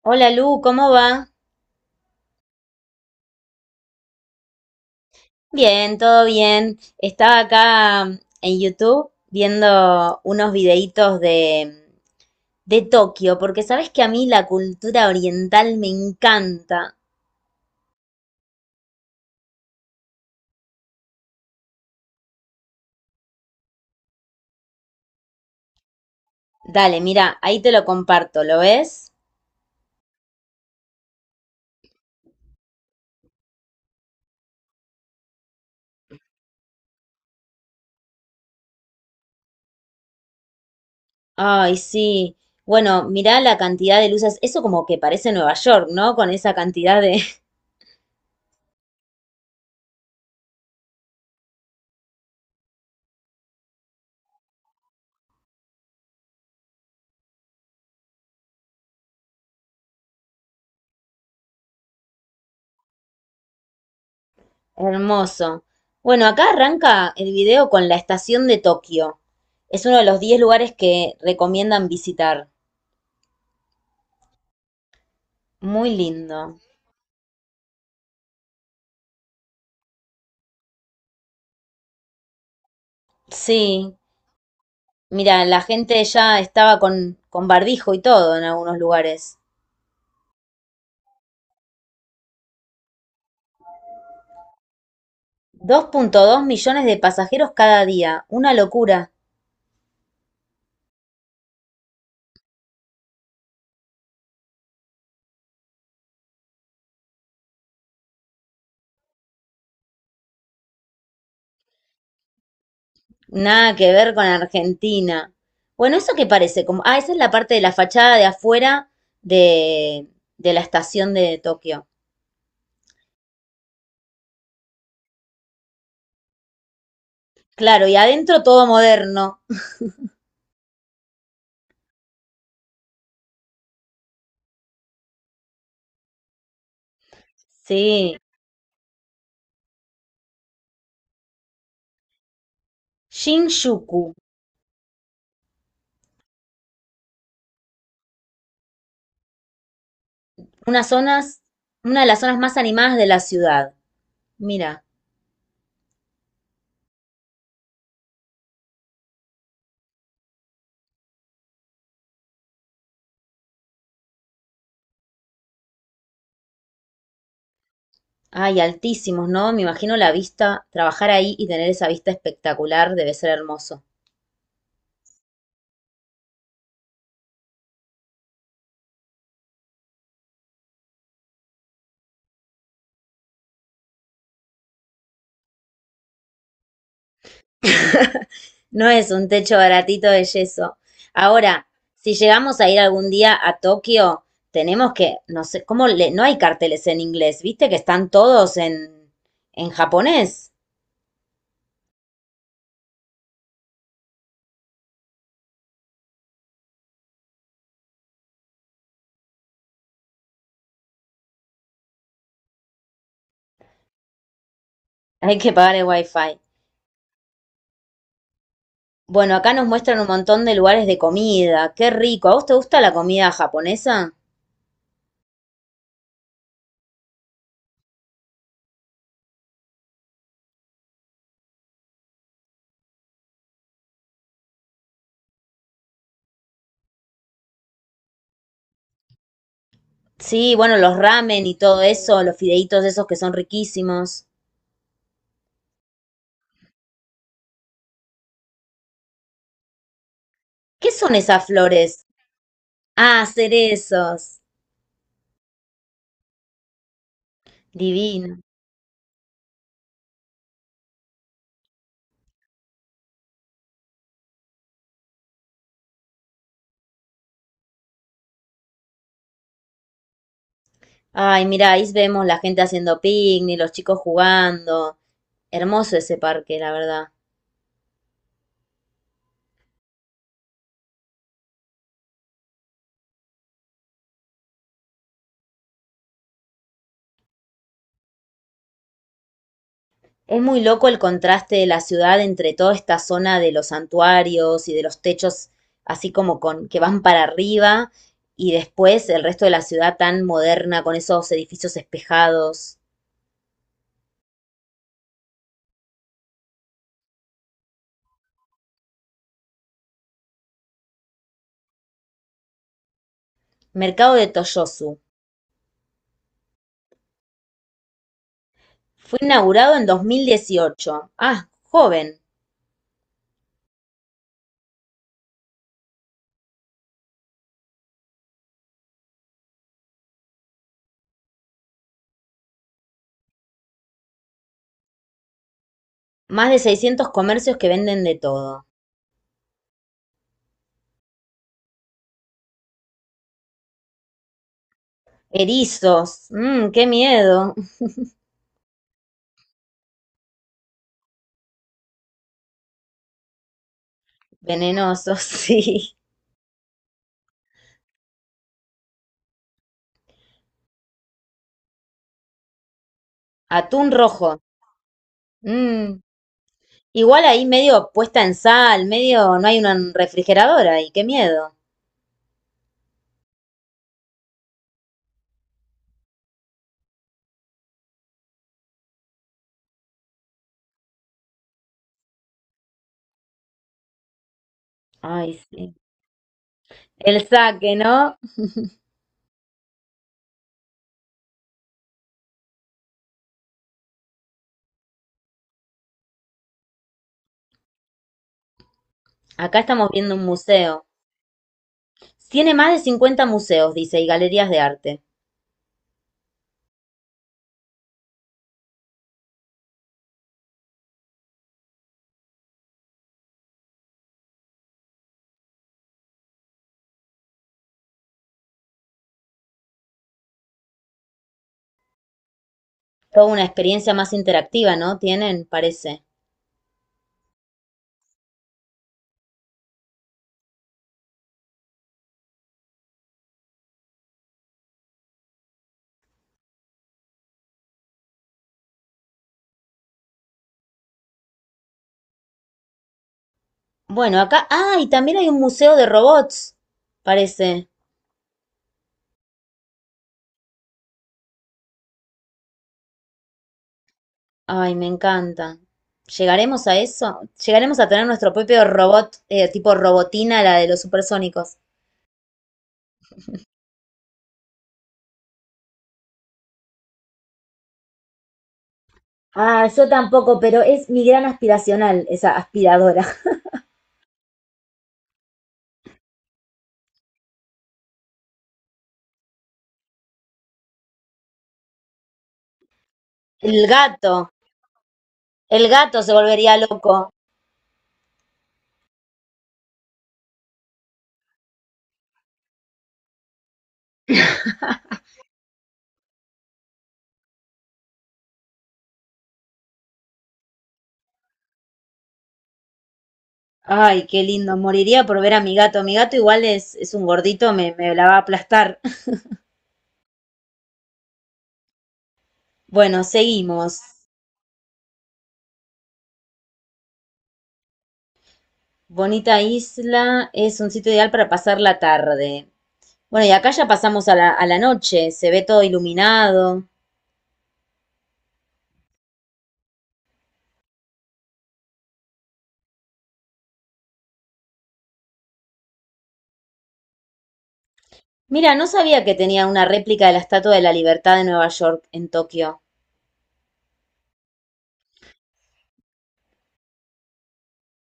Hola Lu, ¿cómo va? Bien, todo bien. Estaba acá en YouTube viendo unos videitos de Tokio, porque sabes que a mí la cultura oriental me encanta. Dale, mira, ahí te lo comparto, ¿lo ves? Ay, sí. Bueno, mirá la cantidad de luces. Eso como que parece Nueva York, ¿no? Con esa cantidad de... Hermoso. Bueno, acá arranca el video con la estación de Tokio. Es uno de los 10 lugares que recomiendan visitar. Muy lindo. Sí, mira, la gente ya estaba con barbijo y todo en algunos lugares. 2,2 millones de pasajeros cada día, una locura. Nada que ver con Argentina. Bueno, ¿eso qué parece? Como, ah, esa es la parte de la fachada de afuera de, de la estación de Tokio. Claro, y adentro todo moderno. Sí. Shinjuku, una zonas, una de las zonas más animadas de la ciudad. Mira. Ay, altísimos, ¿no? Me imagino la vista, trabajar ahí y tener esa vista espectacular debe ser hermoso. No es un techo baratito de yeso. Ahora, si llegamos a ir algún día a Tokio, tenemos que, no sé, ¿cómo le, no hay carteles en inglés? ¿Viste que están todos en japonés? Hay que pagar el wifi. Bueno, acá nos muestran un montón de lugares de comida. Qué rico. ¿A vos te gusta la comida japonesa? Sí, bueno, los ramen y todo eso, los fideitos esos que son riquísimos. ¿Qué son esas flores? Ah, cerezos. Divino. Ay, mira, ahí vemos la gente haciendo picnic, los chicos jugando. Hermoso ese parque, la verdad. Es muy loco el contraste de la ciudad entre toda esta zona de los santuarios y de los techos así como con que van para arriba y después el resto de la ciudad tan moderna con esos edificios espejados. Mercado de Toyosu. Fue inaugurado en 2018. Ah, joven. Más de 600 comercios que venden de todo. Erizos, mmm, qué miedo. Venenosos, sí. Atún rojo, mmm. Igual ahí medio puesta en sal, medio no hay un refrigerador ahí, qué miedo. Ay, sí. El saque, ¿no? Acá estamos viendo un museo. Tiene más de 50 museos, dice, y galerías de arte. Toda una experiencia más interactiva, ¿no? Tienen, parece. Bueno, acá, ah, y también hay un museo de robots, parece. Ay, me encanta. ¿Llegaremos a eso? ¿Llegaremos a tener nuestro propio robot, tipo robotina, la de los supersónicos? Ah, yo tampoco, pero es mi gran aspiracional, esa aspiradora. El gato. El gato se volvería loco. Ay, qué lindo. Moriría por ver a mi gato. Mi gato igual es un gordito, me la va a aplastar. Bueno, seguimos. Bonita isla es un sitio ideal para pasar la tarde. Bueno, y acá ya pasamos a la noche. Se ve todo iluminado. Mira, no sabía que tenía una réplica de la Estatua de la Libertad de Nueva York en Tokio.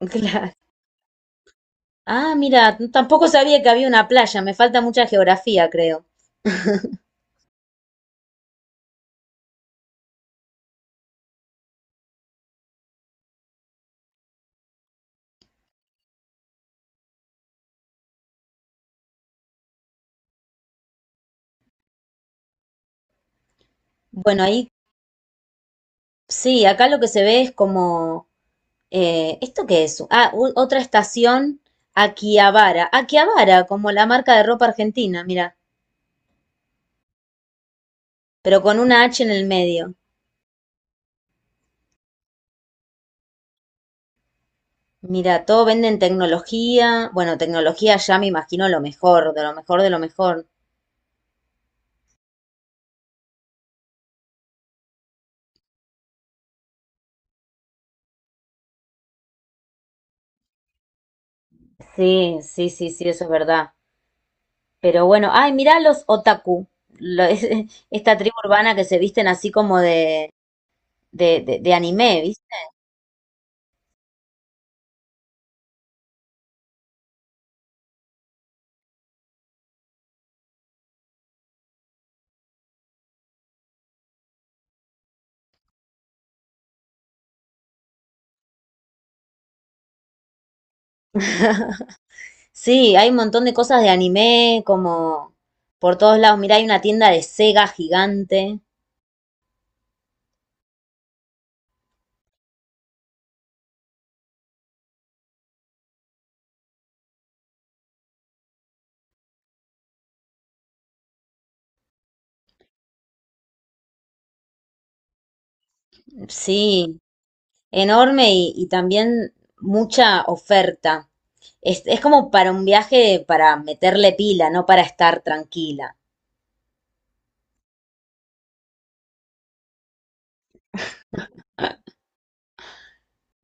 Claro. Ah, mira, tampoco sabía que había una playa, me falta mucha geografía, creo. Bueno, ahí sí, acá lo que se ve es como... ¿esto qué es? Ah, otra estación, Akihabara. Akihabara, como la marca de ropa argentina, mira, pero con una H en el medio. Mira, todo venden tecnología. Bueno, tecnología ya me imagino lo mejor, de lo mejor de lo mejor. Sí, sí, sí, sí, eso es verdad. Pero bueno, ay, mirá los otaku, lo- es- esta tribu urbana que se visten así como de anime, ¿viste? Sí, hay un montón de cosas de anime, como por todos lados. Mirá, hay una tienda de Sega gigante, sí, enorme y también mucha oferta. Es como para un viaje para meterle pila, no para estar tranquila.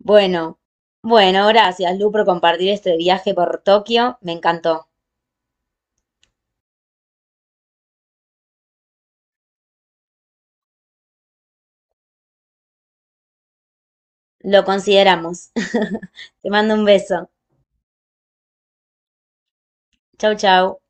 Bueno, bueno, gracias, Lu, por compartir este viaje por Tokio. Me encantó. Lo consideramos. Te mando un beso. Chau, chau.